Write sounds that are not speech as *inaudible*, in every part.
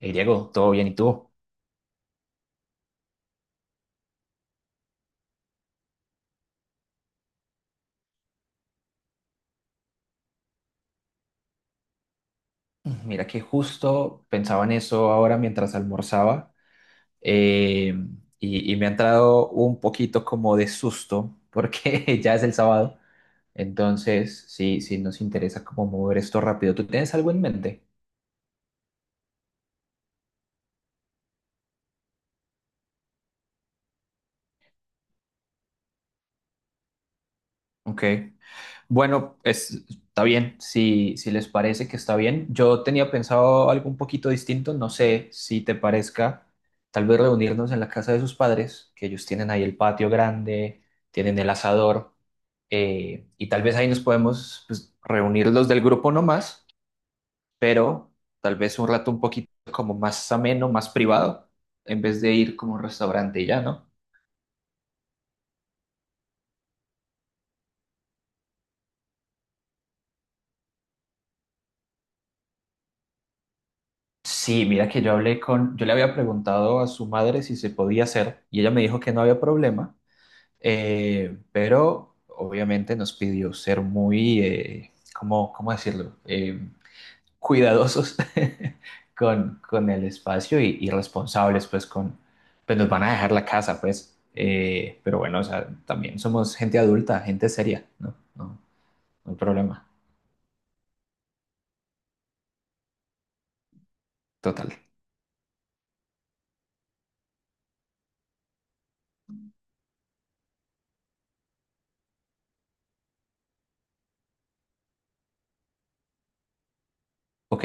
Hey Diego, ¿todo bien? ¿Y tú? Mira que justo pensaba en eso ahora mientras almorzaba eh, y me ha entrado un poquito como de susto porque *laughs* ya es el sábado, entonces sí, sí nos interesa como mover esto rápido. ¿Tú tienes algo en mente? Ok. Bueno, está bien, si, si les parece que está bien. Yo tenía pensado algo un poquito distinto, no sé si te parezca, tal vez reunirnos en la casa de sus padres, que ellos tienen ahí el patio grande, tienen el asador, y tal vez ahí nos podemos, pues, reunir los del grupo nomás, pero tal vez un rato un poquito como más ameno, más privado, en vez de ir como a un restaurante y ya, ¿no? Sí, mira que yo le había preguntado a su madre si se podía hacer y ella me dijo que no había problema, pero obviamente nos pidió ser muy, ¿cómo decirlo? Cuidadosos, *laughs* con el espacio, y responsables, pues nos van a dejar la casa, pues, pero bueno, o sea, también somos gente adulta, gente seria, ¿no? No, no hay problema, total. Ok,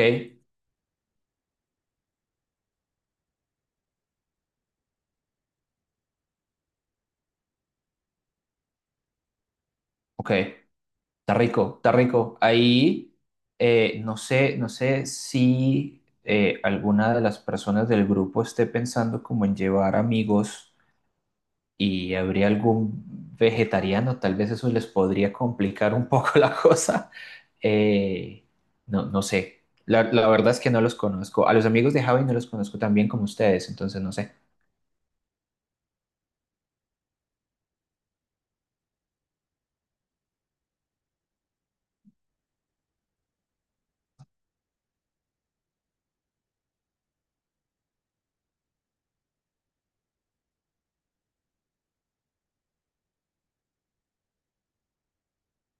ok. Está rico, está rico. Ahí, no sé, no sé si, alguna de las personas del grupo esté pensando como en llevar amigos y habría algún vegetariano, tal vez eso les podría complicar un poco *laughs* la cosa. Eh, no, no sé. La verdad es que no los conozco. A los amigos de Javi no los conozco tan bien como ustedes, entonces no sé.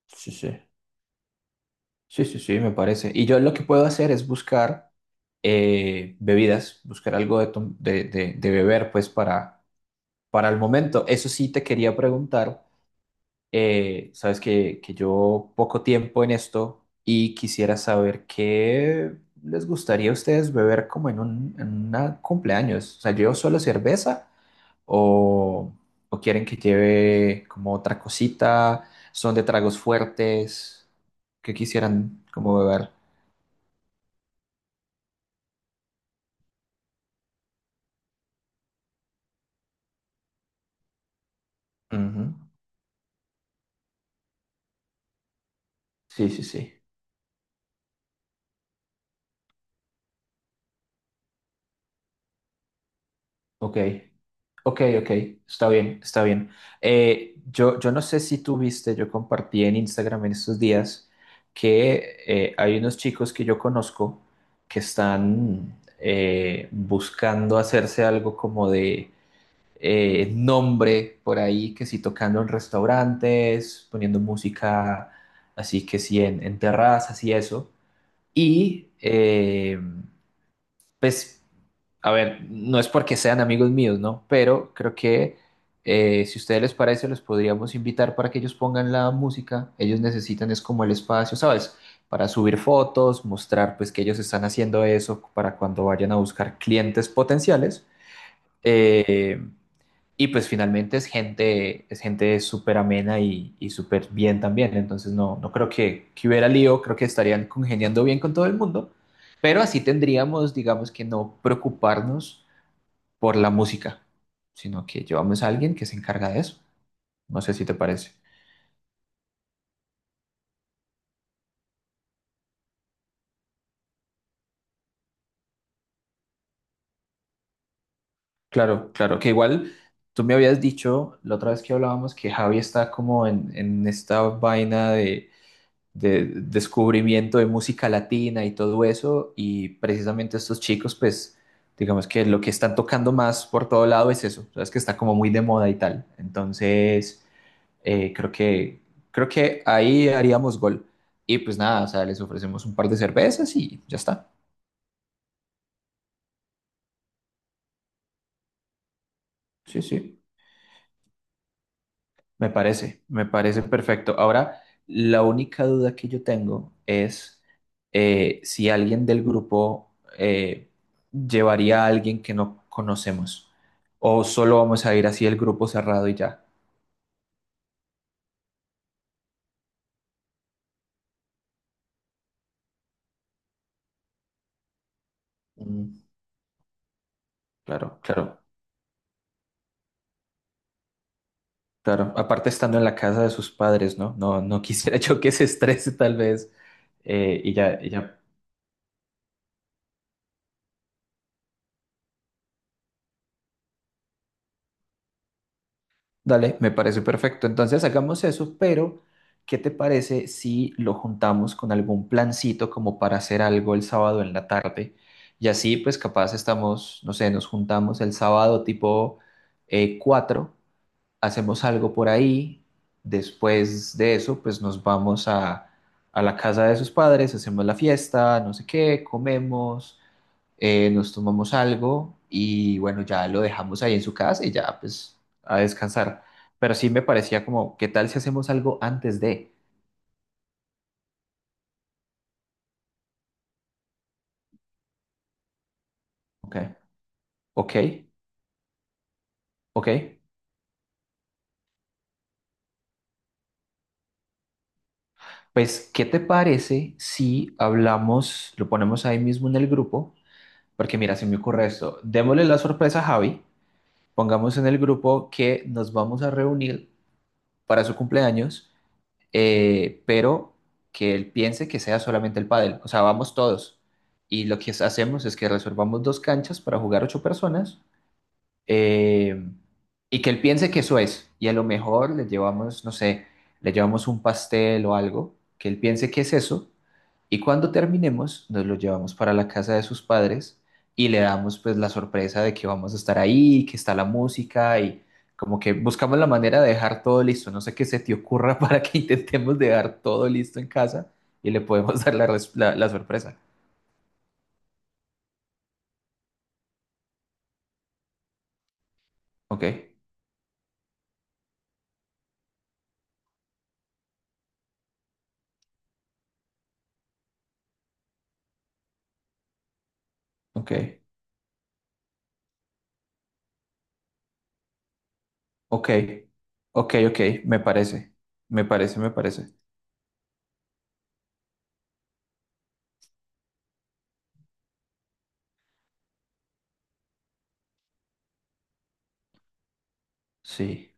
Sí, sí. Sí, sí, sí, me parece. Y yo lo que puedo hacer es buscar, bebidas, buscar algo de, tom- de beber, pues para, el momento. Eso sí te quería preguntar, sabes que yo poco tiempo en esto y quisiera saber qué les gustaría a ustedes beber como en una cumpleaños. O sea, ¿llevo solo cerveza o, o quieren que lleve como otra cosita? ¿Son de tragos fuertes? ¿Qué quisieran como beber? Ujú. Sí, sí, sí. Ok, ok, ok. Está bien, está bien. Yo no sé si tú viste, yo compartí en Instagram en estos días que, hay unos chicos que yo conozco que están, buscando hacerse algo como de, nombre por ahí, que si tocando en restaurantes, poniendo música así que sí en, terrazas y eso. Y pues, a ver, no es porque sean amigos míos, ¿no? Pero creo que, si a ustedes les parece, los podríamos invitar para que ellos pongan la música. Ellos necesitan es como el espacio, ¿sabes? Para subir fotos, mostrar pues que ellos están haciendo eso para cuando vayan a buscar clientes potenciales. Eh, y pues finalmente es gente súper amena y súper bien también. Entonces no, no creo que, hubiera lío, creo que estarían congeniando bien con todo el mundo. Pero así tendríamos, digamos, que no preocuparnos por la música, sino que llevamos a alguien que se encarga de eso. No sé si te parece. Claro, claro, que igual tú me habías dicho la otra vez que hablábamos que Javi está como en, esta vaina de descubrimiento de música latina y todo eso, y precisamente estos chicos, pues digamos que lo que están tocando más por todo lado es eso, sabes que está como muy de moda y tal. Entonces... Eh, creo que, creo que ahí haríamos gol. Y pues nada, o sea, les ofrecemos un par de cervezas y ya está. Sí, sí, me parece perfecto. Ahora, la única duda que yo tengo es, si alguien del grupo, llevaría a alguien que no conocemos o solo vamos a ir así el grupo cerrado y ya. Mm, claro, claro, claro. Aparte estando en la casa de sus padres, ¿no? No, no quisiera *laughs* yo que se estrese tal vez, y ya. Dale, me parece perfecto. Entonces hagamos eso, pero ¿qué te parece si lo juntamos con algún plancito como para hacer algo el sábado en la tarde? Y así pues capaz estamos, no sé, nos juntamos el sábado tipo, 4, hacemos algo por ahí, después de eso pues nos vamos a la casa de sus padres, hacemos la fiesta, no sé qué, comemos, nos tomamos algo y bueno, ya lo dejamos ahí en su casa y ya pues a descansar. Pero sí me parecía como, ¿qué tal si hacemos algo antes de? Ok, ok, ok. Pues, ¿qué te parece si hablamos, lo ponemos ahí mismo en el grupo? Porque mira, se me ocurre esto. Démosle la sorpresa a Javi, pongamos en el grupo que nos vamos a reunir para su cumpleaños, pero que él piense que sea solamente el pádel. O sea, vamos todos. Y lo que hacemos es que reservamos dos canchas para jugar ocho personas, eh, y que él piense que eso es. Y a lo mejor le llevamos, no sé, le llevamos un pastel o algo, que él piense que es eso y cuando terminemos, nos lo llevamos para la casa de sus padres y le damos pues la sorpresa de que vamos a estar ahí, que está la música y como que buscamos la manera de dejar todo listo. No sé qué se te ocurra *laughs* para que intentemos dejar todo listo en casa y le podemos *laughs* dar la, res- la- la sorpresa. Ok, ok, ok, ok, ok, me parece, me parece, me parece. Sí.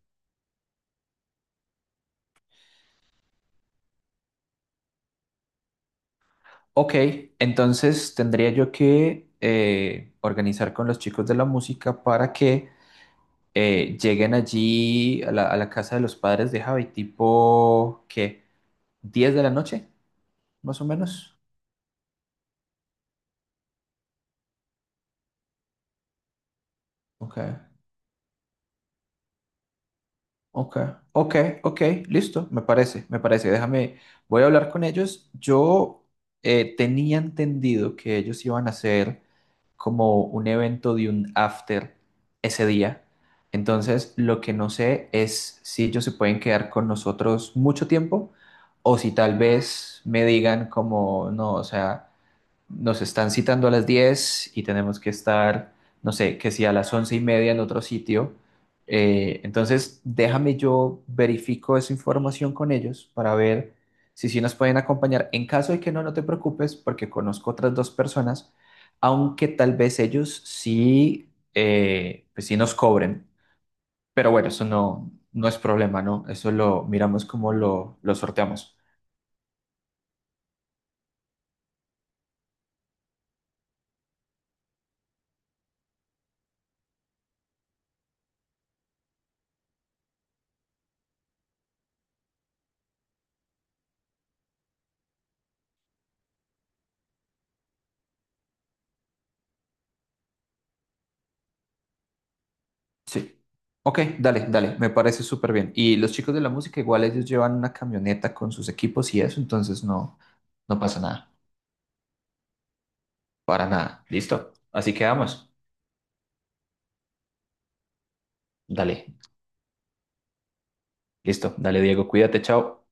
Ok, entonces tendría yo que, organizar con los chicos de la música para que, lleguen allí a la casa de los padres de Javi, tipo, ¿qué? ¿10 de la noche? Más o menos. Ok, ok, ok, ok, listo, me parece, me parece. Déjame, voy a hablar con ellos. Yo, tenía entendido que ellos iban a hacer como un evento de un after ese día. Entonces, lo que no sé es si ellos se pueden quedar con nosotros mucho tiempo o si tal vez me digan como, no, o sea... nos están citando a las 10 y tenemos que estar, no sé, que si a las 11:30 en otro sitio. Entonces, déjame, yo verifico esa información con ellos para ver si sí nos pueden acompañar. En caso de que no, no te preocupes porque conozco otras dos personas, aunque tal vez ellos sí, pues sí nos cobren. Pero bueno, eso no, no es problema, ¿no? Eso lo miramos como lo sorteamos. Sí. Ok, dale, dale, me parece súper bien. Y los chicos de la música, igual ellos llevan una camioneta con sus equipos y eso, entonces no, no pasa nada, para nada. ¿Listo? Así quedamos. Dale, listo. Dale, Diego, cuídate, chao.